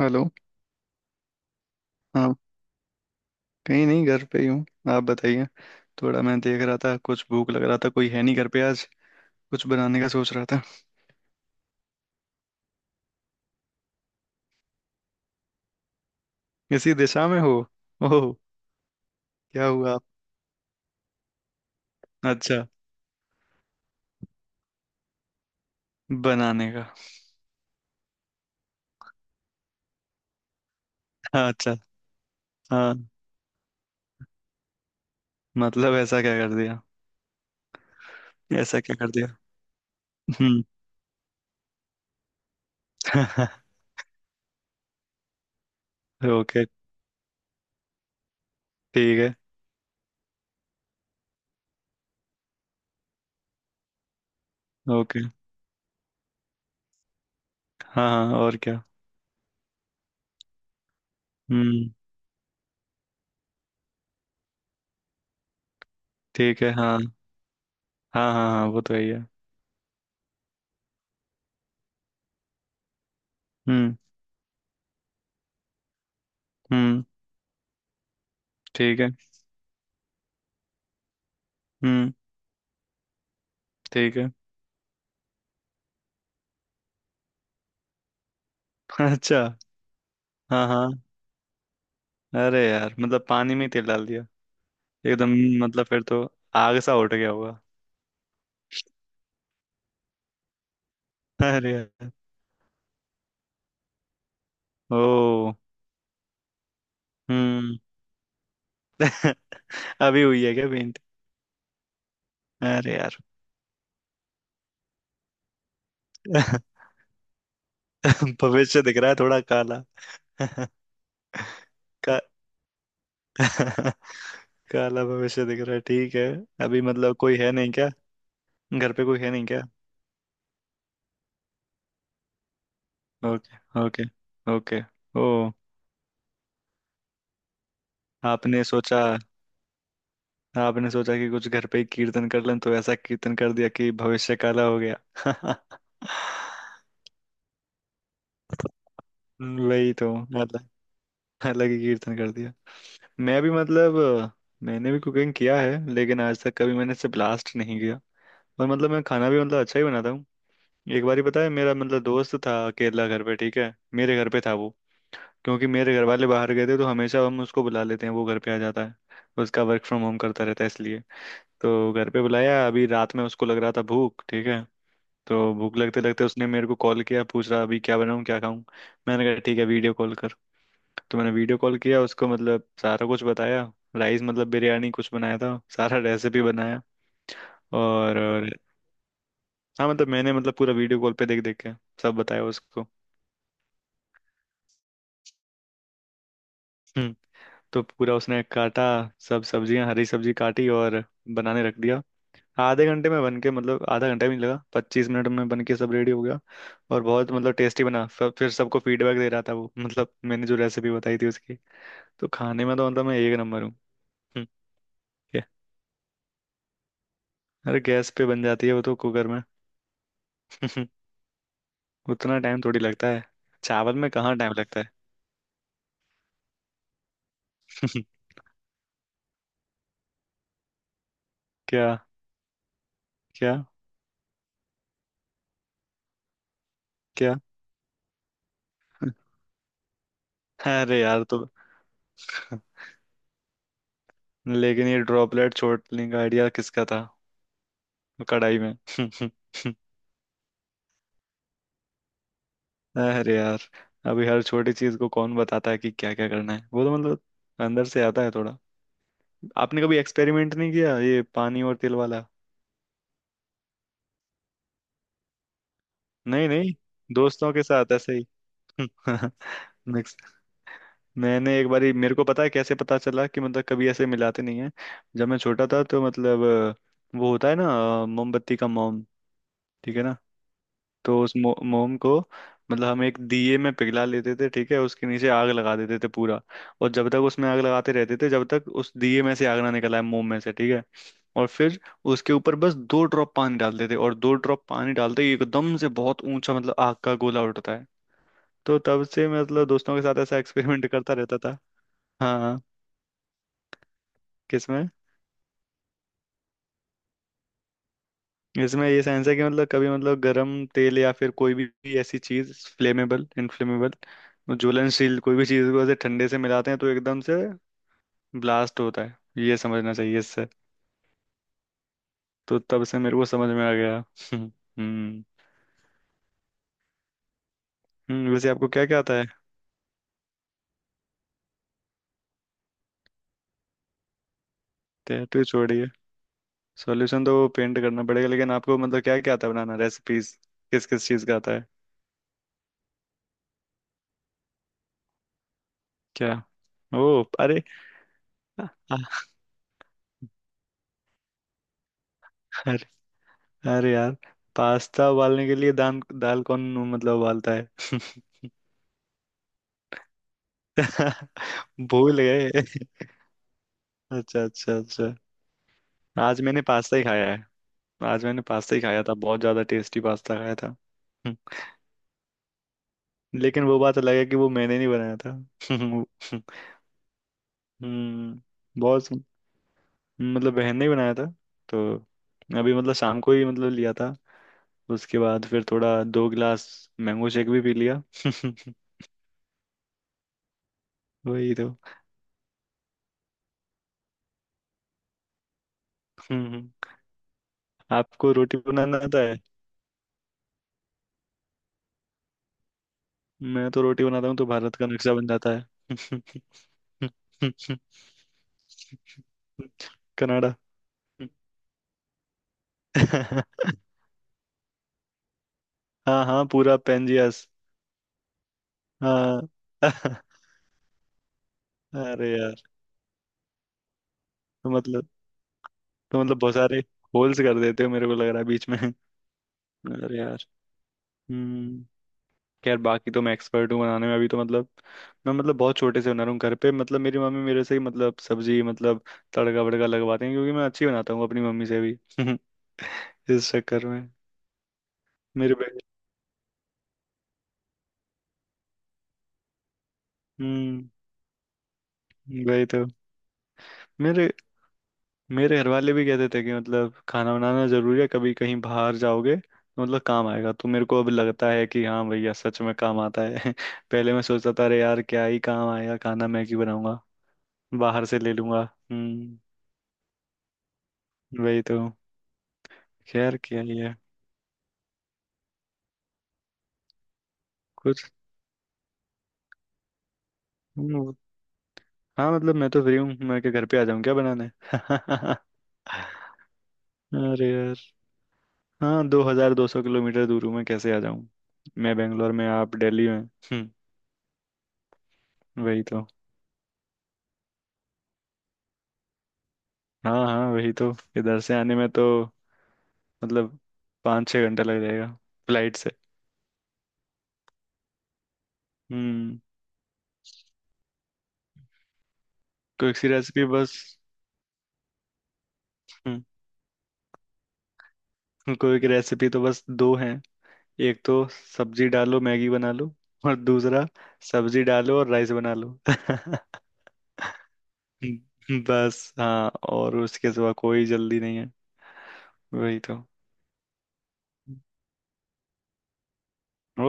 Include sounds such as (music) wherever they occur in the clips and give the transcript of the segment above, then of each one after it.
Hello. हाँ। कहीं नहीं, घर पे ही हूँ। आप बताइए। थोड़ा मैं देख रहा था, कुछ भूख लग रहा था, कोई है नहीं घर पे आज। कुछ बनाने का सोच रहा था। इसी दिशा में हो? ओह। क्या हुआ आप? अच्छा। बनाने का। हाँ अच्छा। हाँ। मतलब ऐसा क्या कर दिया? ऐसा क्या कर दिया? हम्म। (laughs) ओके। ठीक है। ओके। हाँ हाँ और क्या। हम्म। ठीक है। हाँ हाँ हाँ, हाँ वो तो है ही है। हम्म। हम्म। ठीक है। हम्म। ठीक है। (laughs) अच्छा। हाँ हाँ। अरे यार, मतलब पानी में ही तेल डाल दिया। एकदम। मतलब फिर तो आग सा उठ गया होगा। अरे यार। ओ। हम्म। (laughs) अभी हुई है क्या पेंट? अरे यार। (laughs) भविष्य दिख रहा है थोड़ा काला। (laughs) का, (laughs) काला भविष्य दिख रहा है, ठीक है। अभी मतलब कोई है नहीं क्या? घर पे कोई है नहीं क्या? Okay okay. ओके। ओ। आपने सोचा आपने सोचा कि कुछ घर पे ही कीर्तन कर लें तो ऐसा कीर्तन कर दिया कि भविष्य काला हो गया। (laughs) वही तो मतलब। अलग ही कीर्तन कर दिया। मैं भी मतलब। अ, मैंने भी कुकिंग किया है, लेकिन आज तक कभी मैंने इससे ब्लास्ट नहीं किया। और मतलब मैं खाना भी मतलब अच्छा ही बनाता हूँ। एक बार ही पता है, मेरा मतलब दोस्त था अकेला घर पे, ठीक है। मेरे घर पे था वो। क्योंकि मेरे घर वाले बाहर गए थे, तो हमेशा हम उसको बुला लेते हैं, वो घर पे आ जाता है। उसका वर्क फ्रॉम होम करता रहता है इसलिए। तो घर पे बुलाया, अभी रात में उसको लग रहा था भूख, ठीक है। तो भूख लगते लगते उसने मेरे को कॉल किया, पूछ रहा अभी क्या बनाऊँ क्या खाऊं। मैंने कहा ठीक है वीडियो कॉल। तो मैंने वीडियो कॉल किया उसको, मतलब सारा कुछ बताया, राइस मतलब बिरयानी कुछ बनाया था, सारा रेसिपी बनाया। और, हाँ मतलब मैंने मतलब पूरा वीडियो कॉल पे देख देख के सब बताया उसको। हम्म। तो पूरा उसने काटा, सब सब्जियां, हरी सब्जी काटी, और बनाने रख दिया। आधे घंटे में बन के, मतलब आधा घंटा भी नहीं लगा, 25 मिनट में बन के सब रेडी हो गया। और बहुत मतलब टेस्टी बना। फिर सबको फीडबैक दे रहा था वो, मतलब मैंने जो रेसिपी बताई थी उसकी। तो खाने में तो मतलब मैं एक नंबर हूँ। हम्म, ये- अरे गैस पे बन जाती है वो तो, कुकर में। (laughs) उतना टाइम थोड़ी लगता है। चावल में कहाँ टाइम लगता है। (laughs) क्या। क्या। क्या। अरे यार तो। (laughs) लेकिन ये ड्रॉपलेट छोड़ने का आइडिया किसका था, कढ़ाई में? (laughs) अरे यार। अभी हर छोटी चीज को कौन बताता है कि क्या क्या करना है, वो तो मतलब अंदर से आता है थोड़ा। आपने कभी एक्सपेरिमेंट नहीं किया ये पानी और तेल वाला? नहीं नहीं, दोस्तों के साथ ऐसे ही। (laughs) मिक्स। मैंने एक बारी, मेरे को पता है कैसे पता चला, कि मतलब कभी ऐसे मिलाते नहीं है। जब मैं छोटा था तो मतलब वो होता है ना, मोमबत्ती का मोम, ठीक है ना? तो उस मोम को मतलब हम एक दिए में पिघला लेते थे, ठीक है, उसके नीचे आग लगा देते थे पूरा। और जब तक उसमें आग लगाते रहते थे, जब तक उस दिए में से आग ना निकल आए मोम में से, ठीक है। और फिर उसके ऊपर बस 2 ड्रॉप पानी डालते थे, और 2 ड्रॉप पानी डालते ही एकदम से बहुत ऊंचा, मतलब आग का गोला उठता है। तो तब से मैं मतलब दोस्तों के साथ ऐसा एक्सपेरिमेंट करता रहता था। हाँ हाँ। किसमें? इसमें ये साइंस है कि मतलब कभी मतलब गरम तेल या फिर कोई भी ऐसी चीज, फ्लेमेबल, इनफ्लेमेबल, ज्वलनशील, कोई भी चीज को ऐसे ठंडे से मिलाते हैं तो एकदम से ब्लास्ट होता है। ये समझना चाहिए इससे। तो तब से मेरे को समझ में आ गया। हम्म। हम्म, वैसे आपको क्या क्या आता है? टैटू छोड़िए। सॉल्यूशन तो पेंट करना पड़ेगा, लेकिन आपको मतलब क्या क्या आता है बनाना, रेसिपीज? किस किस चीज का आता है? क्या? ओ अरे। (laughs) अरे यार, पास्ता उबालने के लिए दाल, दाल कौन मतलब उबालता है। (laughs) भूल गए। अच्छा अच्छा अच्छा। आज मैंने पास्ता ही खाया है। आज मैंने पास्ता ही खाया था, बहुत ज्यादा टेस्टी पास्ता खाया था। हम्म। लेकिन वो बात अलग है कि वो मैंने नहीं बनाया था। (laughs) हम्म। बहुत सु- मतलब बहन ने ही बनाया था तो। अभी मतलब शाम को ही मतलब लिया था। उसके बाद फिर थोड़ा 2 गिलास मैंगो शेक भी पी लिया। (laughs) वही तो। हम्म हम्म। आपको रोटी बनाना आता है? मैं तो रोटी बनाता हूँ तो भारत का नक्शा बन जाता है। (laughs) कनाडा। (laughs) हाँ हाँ, पूरा पेंजियस। हाँ। (laughs) अरे यार तो मतलब। तो मतलब बहुत सारे होल्स कर देते हो, मेरे को लग रहा है बीच में। अरे यार। हम्म। यार बाकी तो मैं एक्सपर्ट हूँ बनाने में, अभी तो मतलब मैं मतलब बहुत छोटे से बना रहा हूँ घर पे, मतलब मेरी मम्मी मेरे से ही मतलब सब्जी मतलब तड़का वड़का लगवाते हैं क्योंकि मैं अच्छी बनाता हूँ अपनी मम्मी से भी। (laughs) इस चक्कर में मेरे पे। हम्म। वही तो। मेरे मेरे घर वाले भी कहते थे कि मतलब खाना बनाना जरूरी है, कभी कहीं बाहर जाओगे तो मतलब काम आएगा, तो मेरे को अब लगता है कि हाँ भैया सच में काम आता है। (laughs) पहले मैं सोचता था अरे यार क्या ही काम आएगा खाना, मैं क्यों बनाऊंगा, बाहर से ले लूंगा। हम्म। वही तो। खैर क्या ही है। कुछ। हम्म, हाँ मतलब मैं तो फ्री हूँ, मैं क्या घर पे आ जाऊँ क्या बनाने। (laughs) अरे यार। हाँ, 2,200 किलोमीटर दूर हूँ, मैं कैसे आ जाऊँ। मैं बेंगलोर में, आप दिल्ली में। हम्म। वही तो। हाँ हाँ वही तो। इधर से आने में तो मतलब 5-6 घंटा लग जाएगा, फ्लाइट से। हम्म। कोई सी रेसिपी बस। हम्म। कोई की रेसिपी तो बस दो हैं। एक तो सब्जी डालो, मैगी बना लो, और दूसरा सब्जी डालो और राइस बना लो। (laughs) बस हाँ, और उसके सिवा कोई जल्दी नहीं है। वही तो। ओ।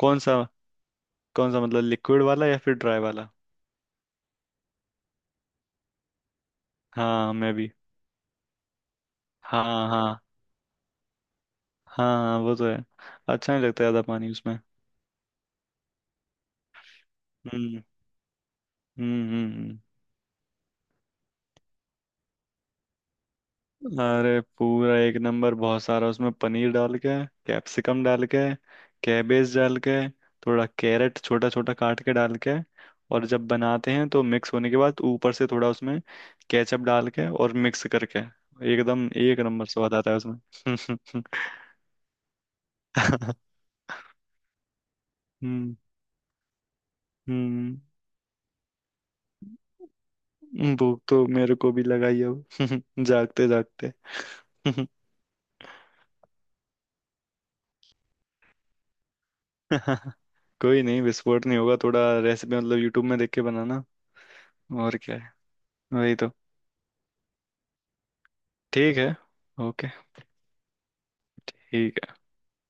कौन सा, कौन सा मतलब लिक्विड वाला या फिर ड्राई वाला? हाँ मैं भी। हाँ हाँ हाँ, हाँ वो तो है। अच्छा नहीं लगता ज्यादा पानी उसमें। हम्म। हम्म हम्म। हम्म। अरे पूरा एक नंबर, बहुत सारा उसमें पनीर डाल के, कैप्सिकम डाल के, कैबेज डाल के, थोड़ा कैरेट छोटा छोटा काट के डाल के। और जब बनाते हैं तो मिक्स होने के बाद ऊपर से थोड़ा उसमें केचप डाल के और मिक्स करके एकदम एक नंबर स्वाद आता है उसमें। (laughs) हम्म हम्म। भूख तो मेरे को भी लगा ही अब, (laughs) जागते जागते। (laughs) कोई नहीं, विस्फोट नहीं होगा, थोड़ा रेसिपी मतलब यूट्यूब में देख के बनाना। और क्या है। वही तो। ठीक है। ओके। ठीक है।